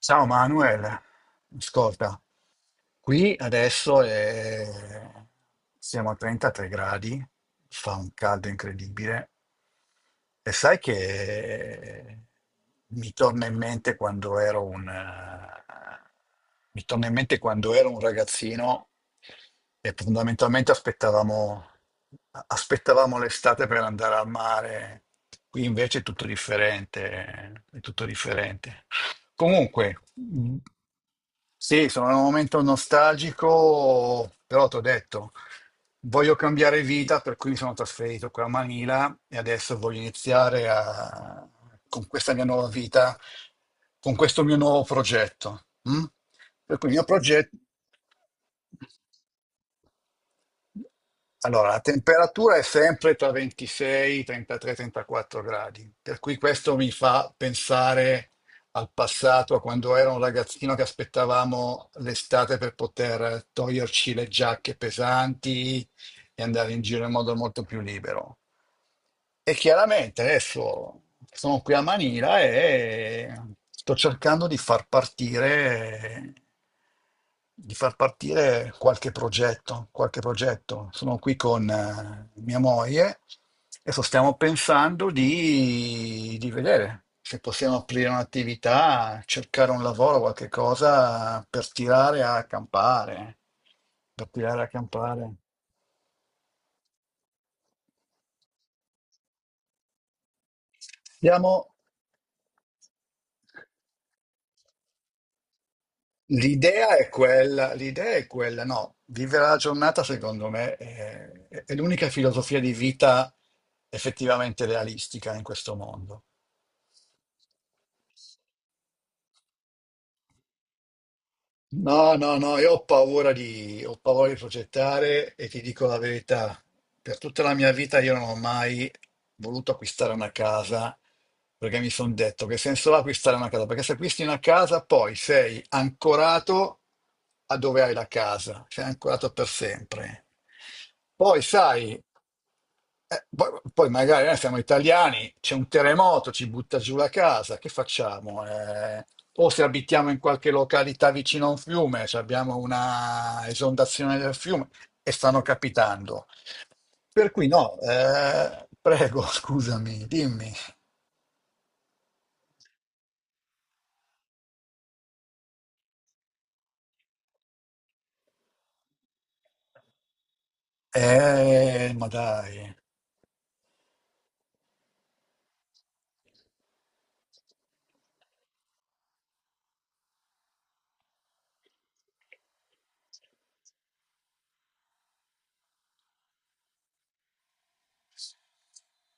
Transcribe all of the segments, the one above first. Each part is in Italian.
Ciao Manuel, ascolta. Qui adesso è- siamo a 33 gradi, fa un caldo incredibile. E sai che mi torna in mente quando ero un, eh, mi torna in mente quando ero un ragazzino e fondamentalmente aspettavamo l'estate per andare al mare. Qui invece è tutto differente, è tutto differente. Comunque, sì, sono in un momento nostalgico, però ti ho detto, voglio cambiare vita, per cui mi sono trasferito qui a Manila e adesso voglio iniziare con questa mia nuova vita, con questo mio nuovo progetto. Mm? Per cui il mio progetto. Allora, la temperatura è sempre tra 26, 33, 34 gradi, per cui questo mi fa pensare al passato, a quando ero un ragazzino che aspettavamo l'estate per poter toglierci le giacche pesanti e andare in giro in modo molto più libero. E chiaramente adesso sono qui a Manila e sto cercando di far partire qualche progetto, qualche progetto. Sono qui con mia moglie e stiamo pensando di vedere se possiamo aprire un'attività, cercare un lavoro, qualche cosa per tirare a campare, per tirare a campare. Stiamo. L'idea è quella, no, vivere la giornata secondo me è l'unica filosofia di vita effettivamente realistica in questo mondo. No, no, no, io ho paura di progettare e ti dico la verità. Per tutta la mia vita io non ho mai voluto acquistare una casa perché mi sono detto che senso ha acquistare una casa? Perché se acquisti una casa poi sei ancorato a dove hai la casa, sei ancorato per sempre. Poi sai. Poi magari noi siamo italiani, c'è un terremoto, ci butta giù la casa, che facciamo? O se abitiamo in qualche località vicino a un fiume, cioè abbiamo una esondazione del fiume e stanno capitando. Per cui no, prego, scusami, dimmi. Ma dai.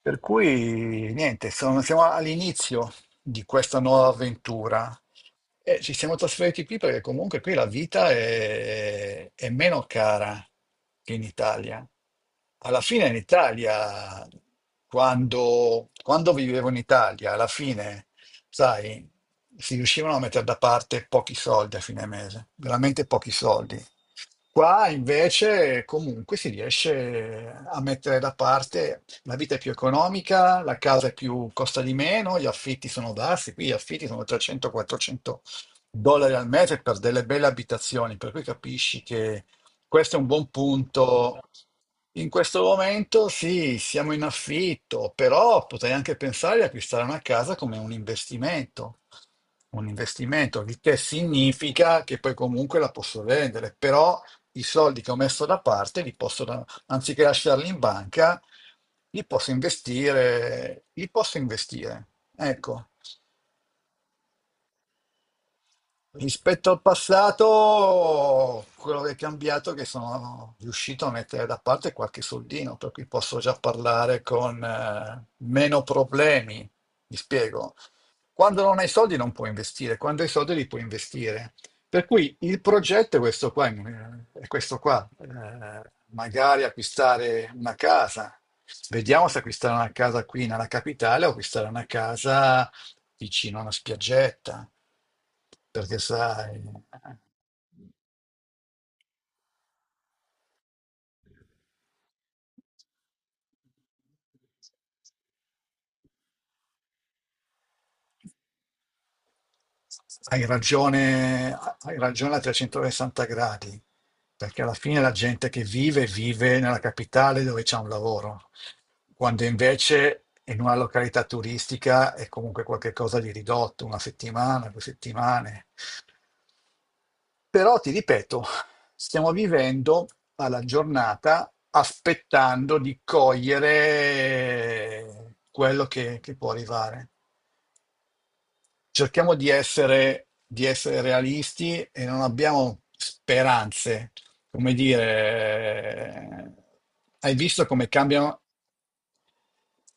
Per cui niente, siamo all'inizio di questa nuova avventura. E ci siamo trasferiti qui perché comunque qui la vita è meno cara che in Italia. Alla fine in Italia, quando vivevo in Italia, alla fine, sai, si riuscivano a mettere da parte pochi soldi a fine mese, veramente pochi soldi. Qua invece comunque si riesce a mettere da parte, la vita è più economica, la casa è più, costa di meno, gli affitti sono bassi, qui gli affitti sono 300-400 dollari al mese per delle belle abitazioni, per cui capisci che questo è un buon punto. In questo momento sì, siamo in affitto, però potrei anche pensare di acquistare una casa come un investimento. Un investimento, il che significa che poi comunque la posso vendere, però i soldi che ho messo da parte anziché lasciarli in banca, li posso investire, li posso investire. Ecco. Rispetto al passato, quello che è cambiato è che sono riuscito a mettere da parte qualche soldino, per cui posso già parlare con meno problemi. Mi spiego. Quando non hai soldi non puoi investire, quando hai soldi li puoi investire. Per cui il progetto è questo qua, è questo qua. Magari acquistare una casa. Vediamo se acquistare una casa qui nella capitale o acquistare una casa vicino a una spiaggetta, perché sai, hai ragione, hai ragione a 360 gradi, perché alla fine la gente che vive nella capitale dove c'è un lavoro, quando invece in una località turistica è comunque qualcosa di ridotto, una settimana, due settimane. Però ti ripeto, stiamo vivendo alla giornata aspettando di cogliere quello che può arrivare. Cerchiamo di essere realisti e non abbiamo speranze. Come dire, hai visto come cambiano?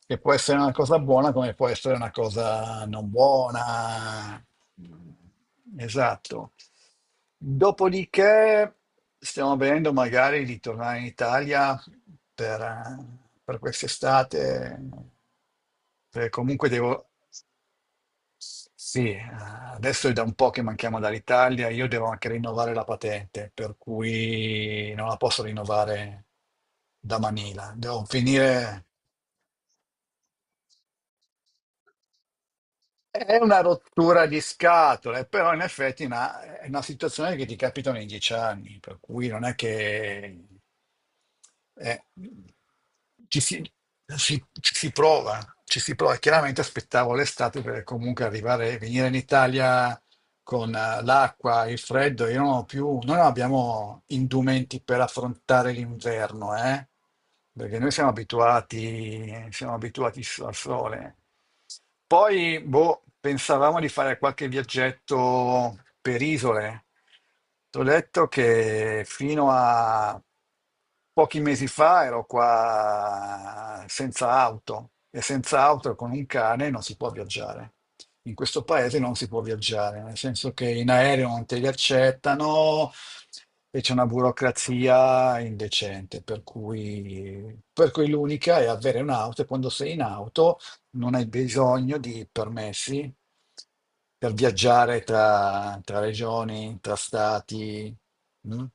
Che può essere una cosa buona come può essere una cosa non buona. Esatto. Dopodiché stiamo vedendo magari di tornare in Italia per, eh, per quest'estate, perché comunque devo. Sì, adesso è da un po' che manchiamo dall'Italia, io devo anche rinnovare la patente, per cui non la posso rinnovare da Manila. Devo finire. È una rottura di scatole, però in effetti è una situazione che ti capita ogni dieci anni, per cui non è che eh, ci si, ci si prova, ci si prova. Chiaramente aspettavo l'estate per comunque arrivare, venire in Italia con l'acqua, il freddo, io non ho più, noi non abbiamo indumenti per affrontare l'inverno, eh? Perché noi siamo abituati al sole. Poi, boh, pensavamo di fare qualche viaggetto per isole. T'ho detto che fino a pochi mesi fa ero qua senza auto e senza auto e con un cane non si può viaggiare. In questo paese non si può viaggiare, nel senso che in aereo non te li accettano e c'è una burocrazia indecente, per cui l'unica è avere un'auto e quando sei in auto non hai bisogno di permessi per viaggiare tra regioni, tra stati. Mm?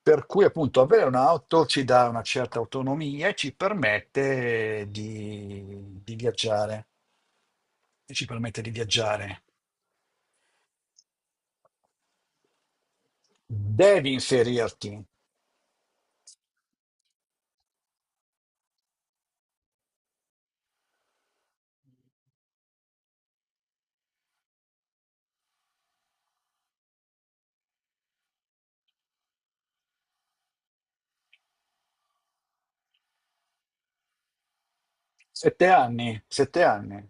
Per cui appunto avere un'auto ci dà una certa autonomia e ci permette di viaggiare. E ci permette di viaggiare. Devi inserirti. Sette anni, sette anni.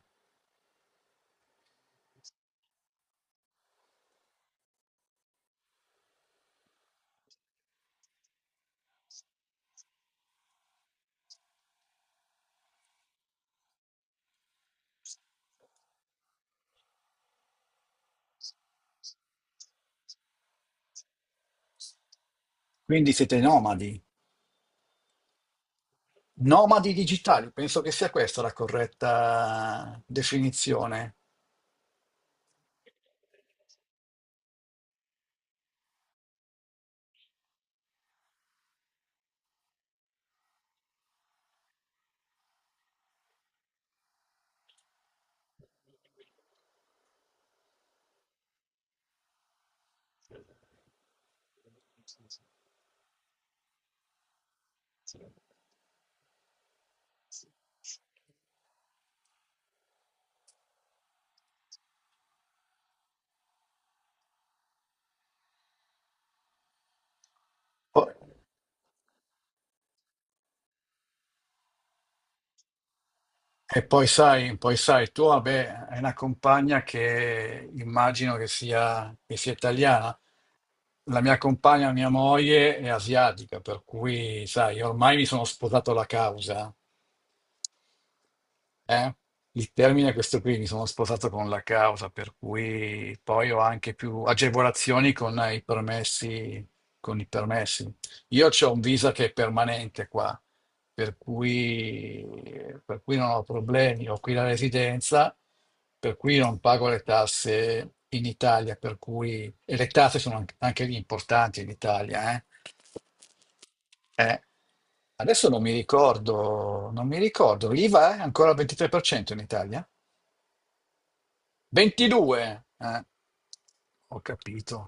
Quindi siete nomadi. Nomadi digitali, penso che sia questa la corretta definizione. Po- E poi sai, tu vabbè, hai una compagna che immagino che sia italiana. La mia compagna, mia moglie, è asiatica, per cui, sai, ormai mi sono sposato la causa. Eh, il termine è questo qui, mi sono sposato con la causa, per cui poi ho anche più agevolazioni con i permessi, con i permessi. Io ho un visa che è permanente qua, per cui, per cui non ho problemi, ho qui la residenza, per cui non pago le tasse in Italia, per cui, e le tasse sono anche lì importanti in Italia, eh. Eh, Adesso non mi ricordo, non mi ricordo, l'IVA è ancora al 23% in Italia? 22? Eh, ho capito.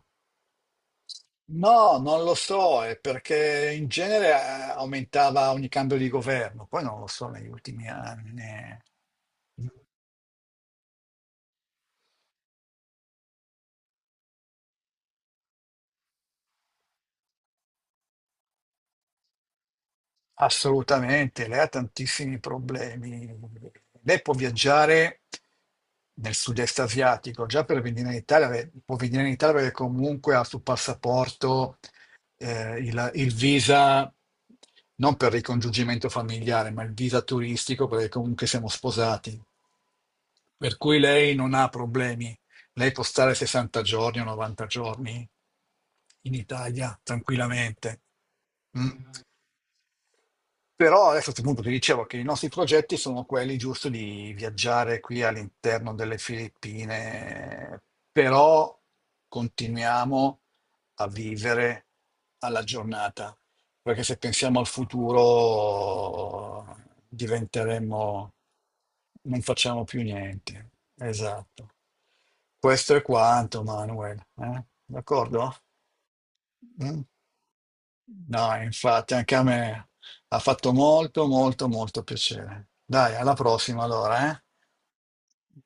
No, non lo so, è perché in genere aumentava ogni cambio di governo, poi non lo so negli ultimi anni. Assolutamente, lei ha tantissimi problemi. Lei può viaggiare nel sud-est asiatico, già per venire in Italia, beh, può venire in Italia perché comunque ha sul passaporto il visa, non per ricongiungimento familiare, ma il visa turistico perché comunque siamo sposati. Per cui lei non ha problemi. Lei può stare 60 giorni o 90 giorni in Italia tranquillamente. Mm. Però adesso a questo punto ti dicevo che i nostri progetti sono quelli, giusto di viaggiare qui all'interno delle Filippine, però continuiamo a vivere alla giornata, perché se pensiamo al futuro diventeremo, non facciamo più niente. Esatto. Questo è quanto, Manuel. Eh? D'accordo? Mm. No, infatti, anche a me ha fatto molto, molto, molto piacere. Dai, alla prossima allora, eh?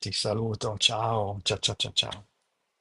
Ti saluto, ciao, ciao, ciao, ciao, ciao.